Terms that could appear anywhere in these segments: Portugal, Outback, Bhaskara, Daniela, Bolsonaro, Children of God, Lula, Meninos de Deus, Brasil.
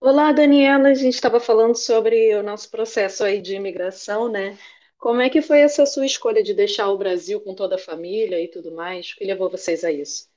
Olá, Daniela. A gente estava falando sobre o nosso processo aí de imigração, né? Como é que foi essa sua escolha de deixar o Brasil com toda a família e tudo mais? O que levou vocês a isso?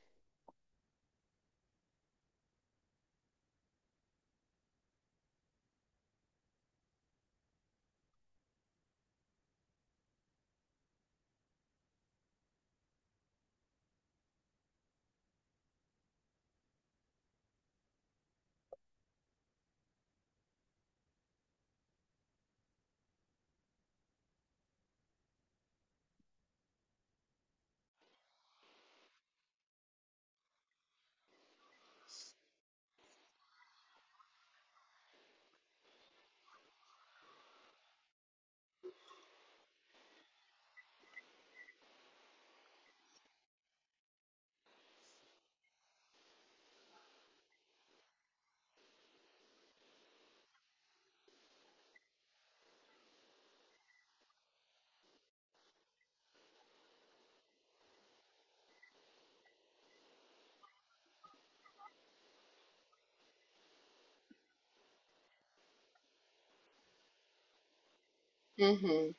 Uhum,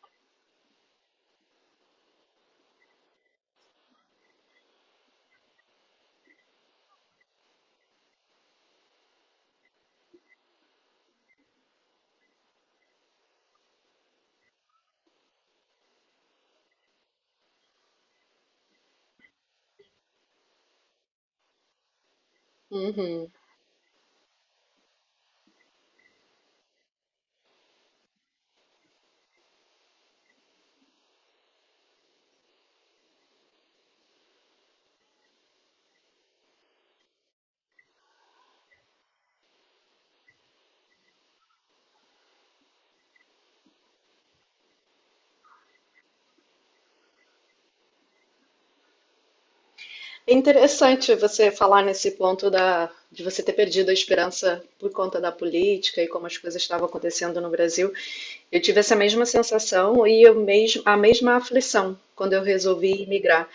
uhum. É interessante você falar nesse ponto de você ter perdido a esperança por conta da política e como as coisas estavam acontecendo no Brasil. Eu tive essa mesma sensação e eu mesmo, a mesma aflição quando eu resolvi migrar.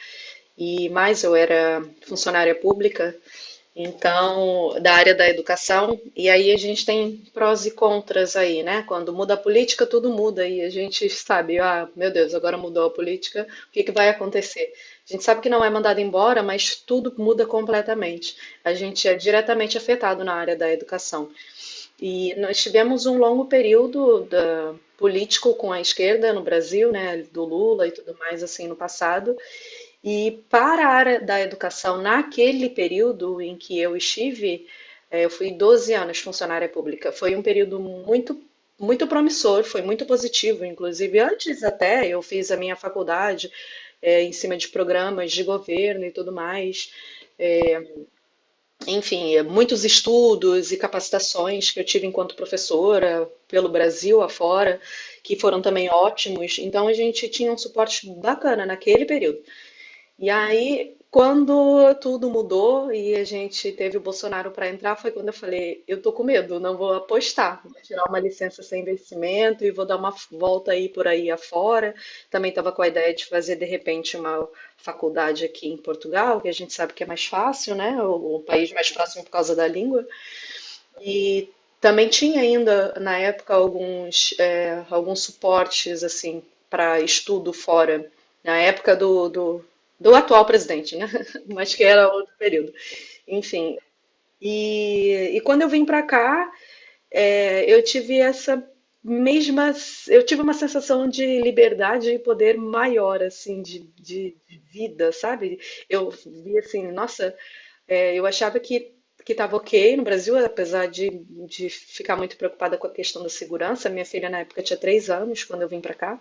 E mais, eu era funcionária pública, então, da área da educação, e aí a gente tem prós e contras aí, né? Quando muda a política, tudo muda, e a gente sabe, ah, meu Deus, agora mudou a política, o que que vai acontecer? A gente sabe que não é mandado embora, mas tudo muda completamente. A gente é diretamente afetado na área da educação. E nós tivemos um longo período político com a esquerda no Brasil, né? Do Lula e tudo mais assim no passado. E para a área da educação, naquele período em que eu estive, eu fui 12 anos funcionária pública. Foi um período muito promissor, foi muito positivo. Inclusive, antes até eu fiz a minha faculdade em cima de programas de governo e tudo mais. Enfim, muitos estudos e capacitações que eu tive enquanto professora pelo Brasil afora, que foram também ótimos. Então, a gente tinha um suporte bacana naquele período. E aí, quando tudo mudou e a gente teve o Bolsonaro para entrar, foi quando eu falei: eu tô com medo, não vou apostar, vou tirar uma licença sem vencimento e vou dar uma volta aí por aí afora. Também estava com a ideia de fazer de repente uma faculdade aqui em Portugal, que a gente sabe que é mais fácil, né? O país mais próximo por causa da língua. E também tinha ainda, na época, alguns, alguns suportes assim para estudo fora, na época do atual presidente, né? Mas que era outro período. Enfim, e quando eu vim para cá, eu tive essa mesma, eu tive uma sensação de liberdade e poder maior, assim, de vida, sabe? Eu vi assim, nossa. É, eu achava que estava ok no Brasil, apesar de ficar muito preocupada com a questão da segurança. Minha filha na época tinha 3 anos quando eu vim para cá.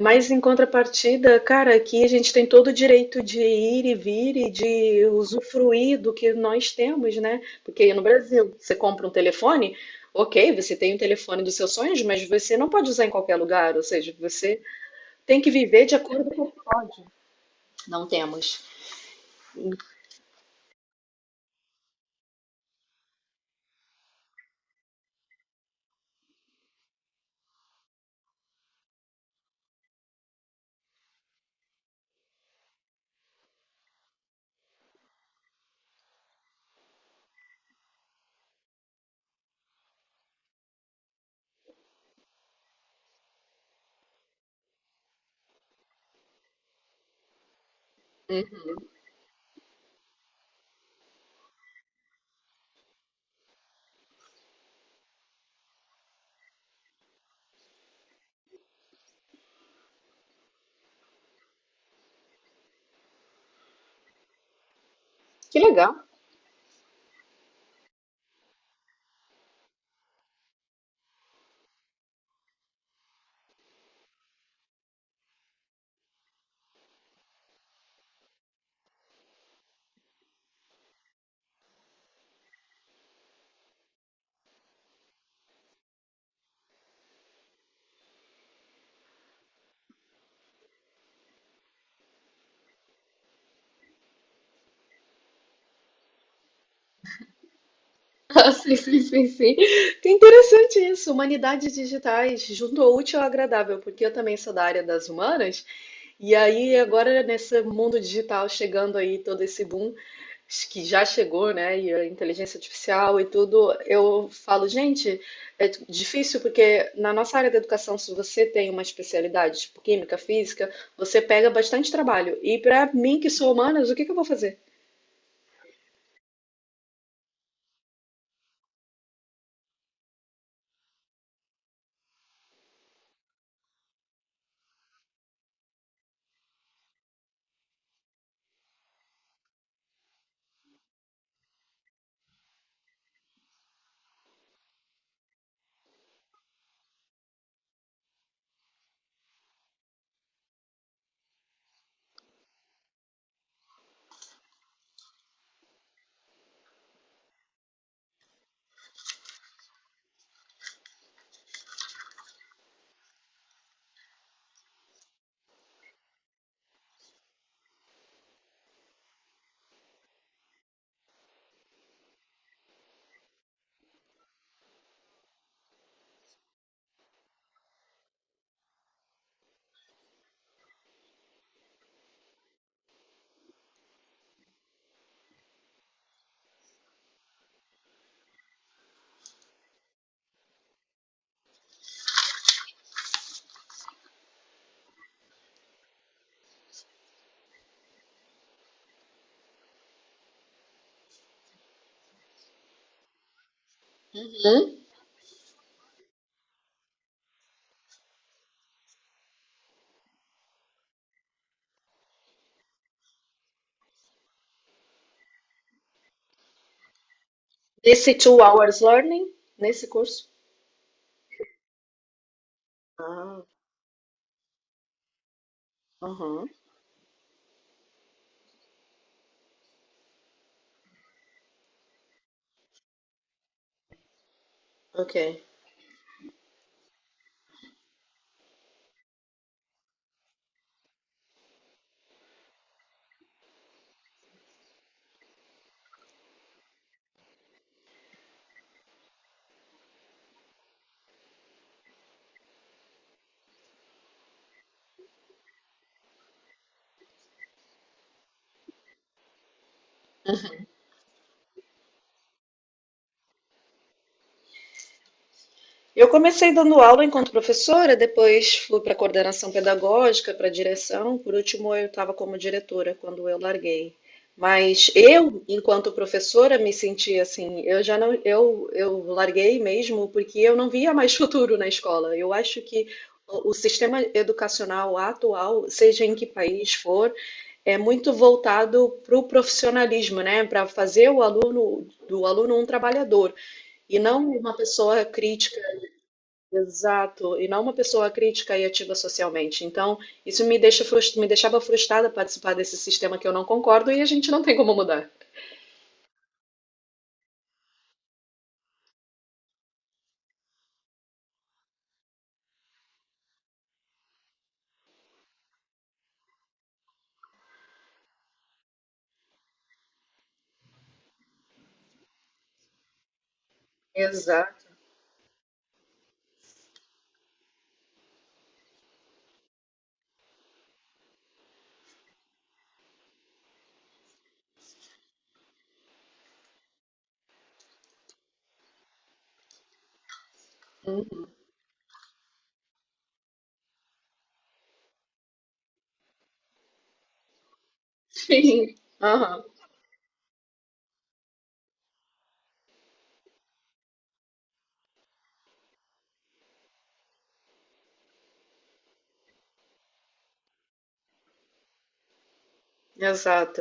Mas em contrapartida, cara, aqui a gente tem todo o direito de ir e vir e de usufruir do que nós temos, né? Porque aí no Brasil você compra um telefone, ok, você tem o telefone dos seus sonhos, mas você não pode usar em qualquer lugar. Ou seja, você tem que viver de acordo com o que pode. Não temos. Uhum. Que legal. Ah, sim, sim, sim, sim. Que interessante isso. Humanidades digitais, junto ao útil ao agradável, porque eu também sou da área das humanas. E aí, agora, nesse mundo digital, chegando aí todo esse boom que já chegou, né? E a inteligência artificial e tudo, eu falo, gente, é difícil porque na nossa área da educação, se você tem uma especialidade, tipo química, física, você pega bastante trabalho. E para mim, que sou humanas, o que que eu vou fazer? Hum? Nesse two hours learning, nesse curso? Aham, ok. Eu comecei dando aula enquanto professora, depois fui para coordenação pedagógica, para direção, por último eu estava como diretora quando eu larguei. Mas eu, enquanto professora, me senti assim, eu larguei mesmo porque eu não via mais futuro na escola. Eu acho que o sistema educacional atual, seja em que país for, é muito voltado para o profissionalismo, né? Para fazer o aluno do aluno um trabalhador. E não uma pessoa crítica, exato, e não uma pessoa crítica e ativa socialmente. Então, isso me deixava frustrada participar desse sistema que eu não concordo e a gente não tem como mudar. Exato. Uhum. Sim. Aham. Exato.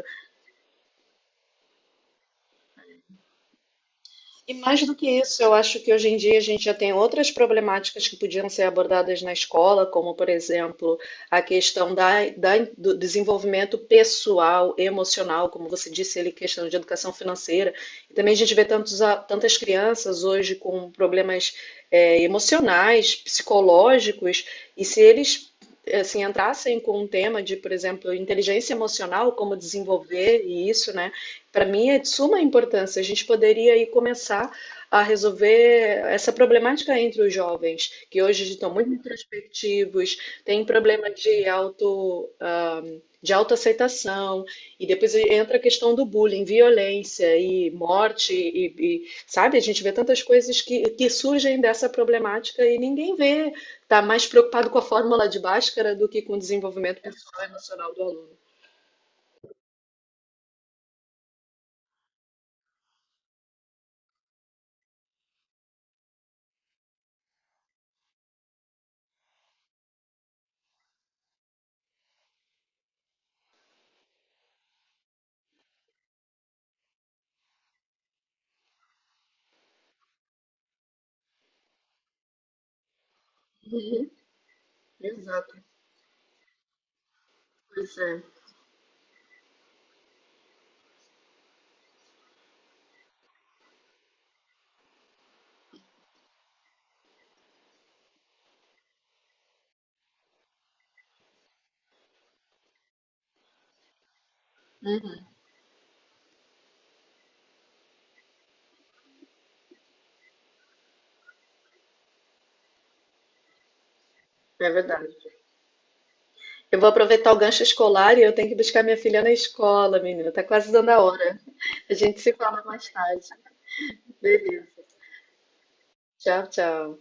E mais do que isso, eu acho que hoje em dia a gente já tem outras problemáticas que podiam ser abordadas na escola, como, por exemplo, a questão do desenvolvimento pessoal, emocional, como você disse ali, questão de educação financeira. E também a gente vê tantas crianças hoje com problemas, emocionais, psicológicos, e se eles. Assim, entrassem com um tema de, por exemplo, inteligência emocional, como desenvolver e isso, né? Para mim é de suma importância. A gente poderia aí começar a resolver essa problemática entre os jovens, que hoje estão muito introspectivos, têm problema de de autoaceitação, e depois entra a questão do bullying, violência e morte, sabe, a gente vê tantas coisas que surgem dessa problemática e ninguém vê, está mais preocupado com a fórmula de Bhaskara do que com o desenvolvimento pessoal e emocional do aluno. Exato, pois é. Hum, É verdade. Eu vou aproveitar o gancho escolar e eu tenho que buscar minha filha na escola, menina. Tá quase dando a hora. A gente se fala mais tarde. Beleza. Tchau, tchau.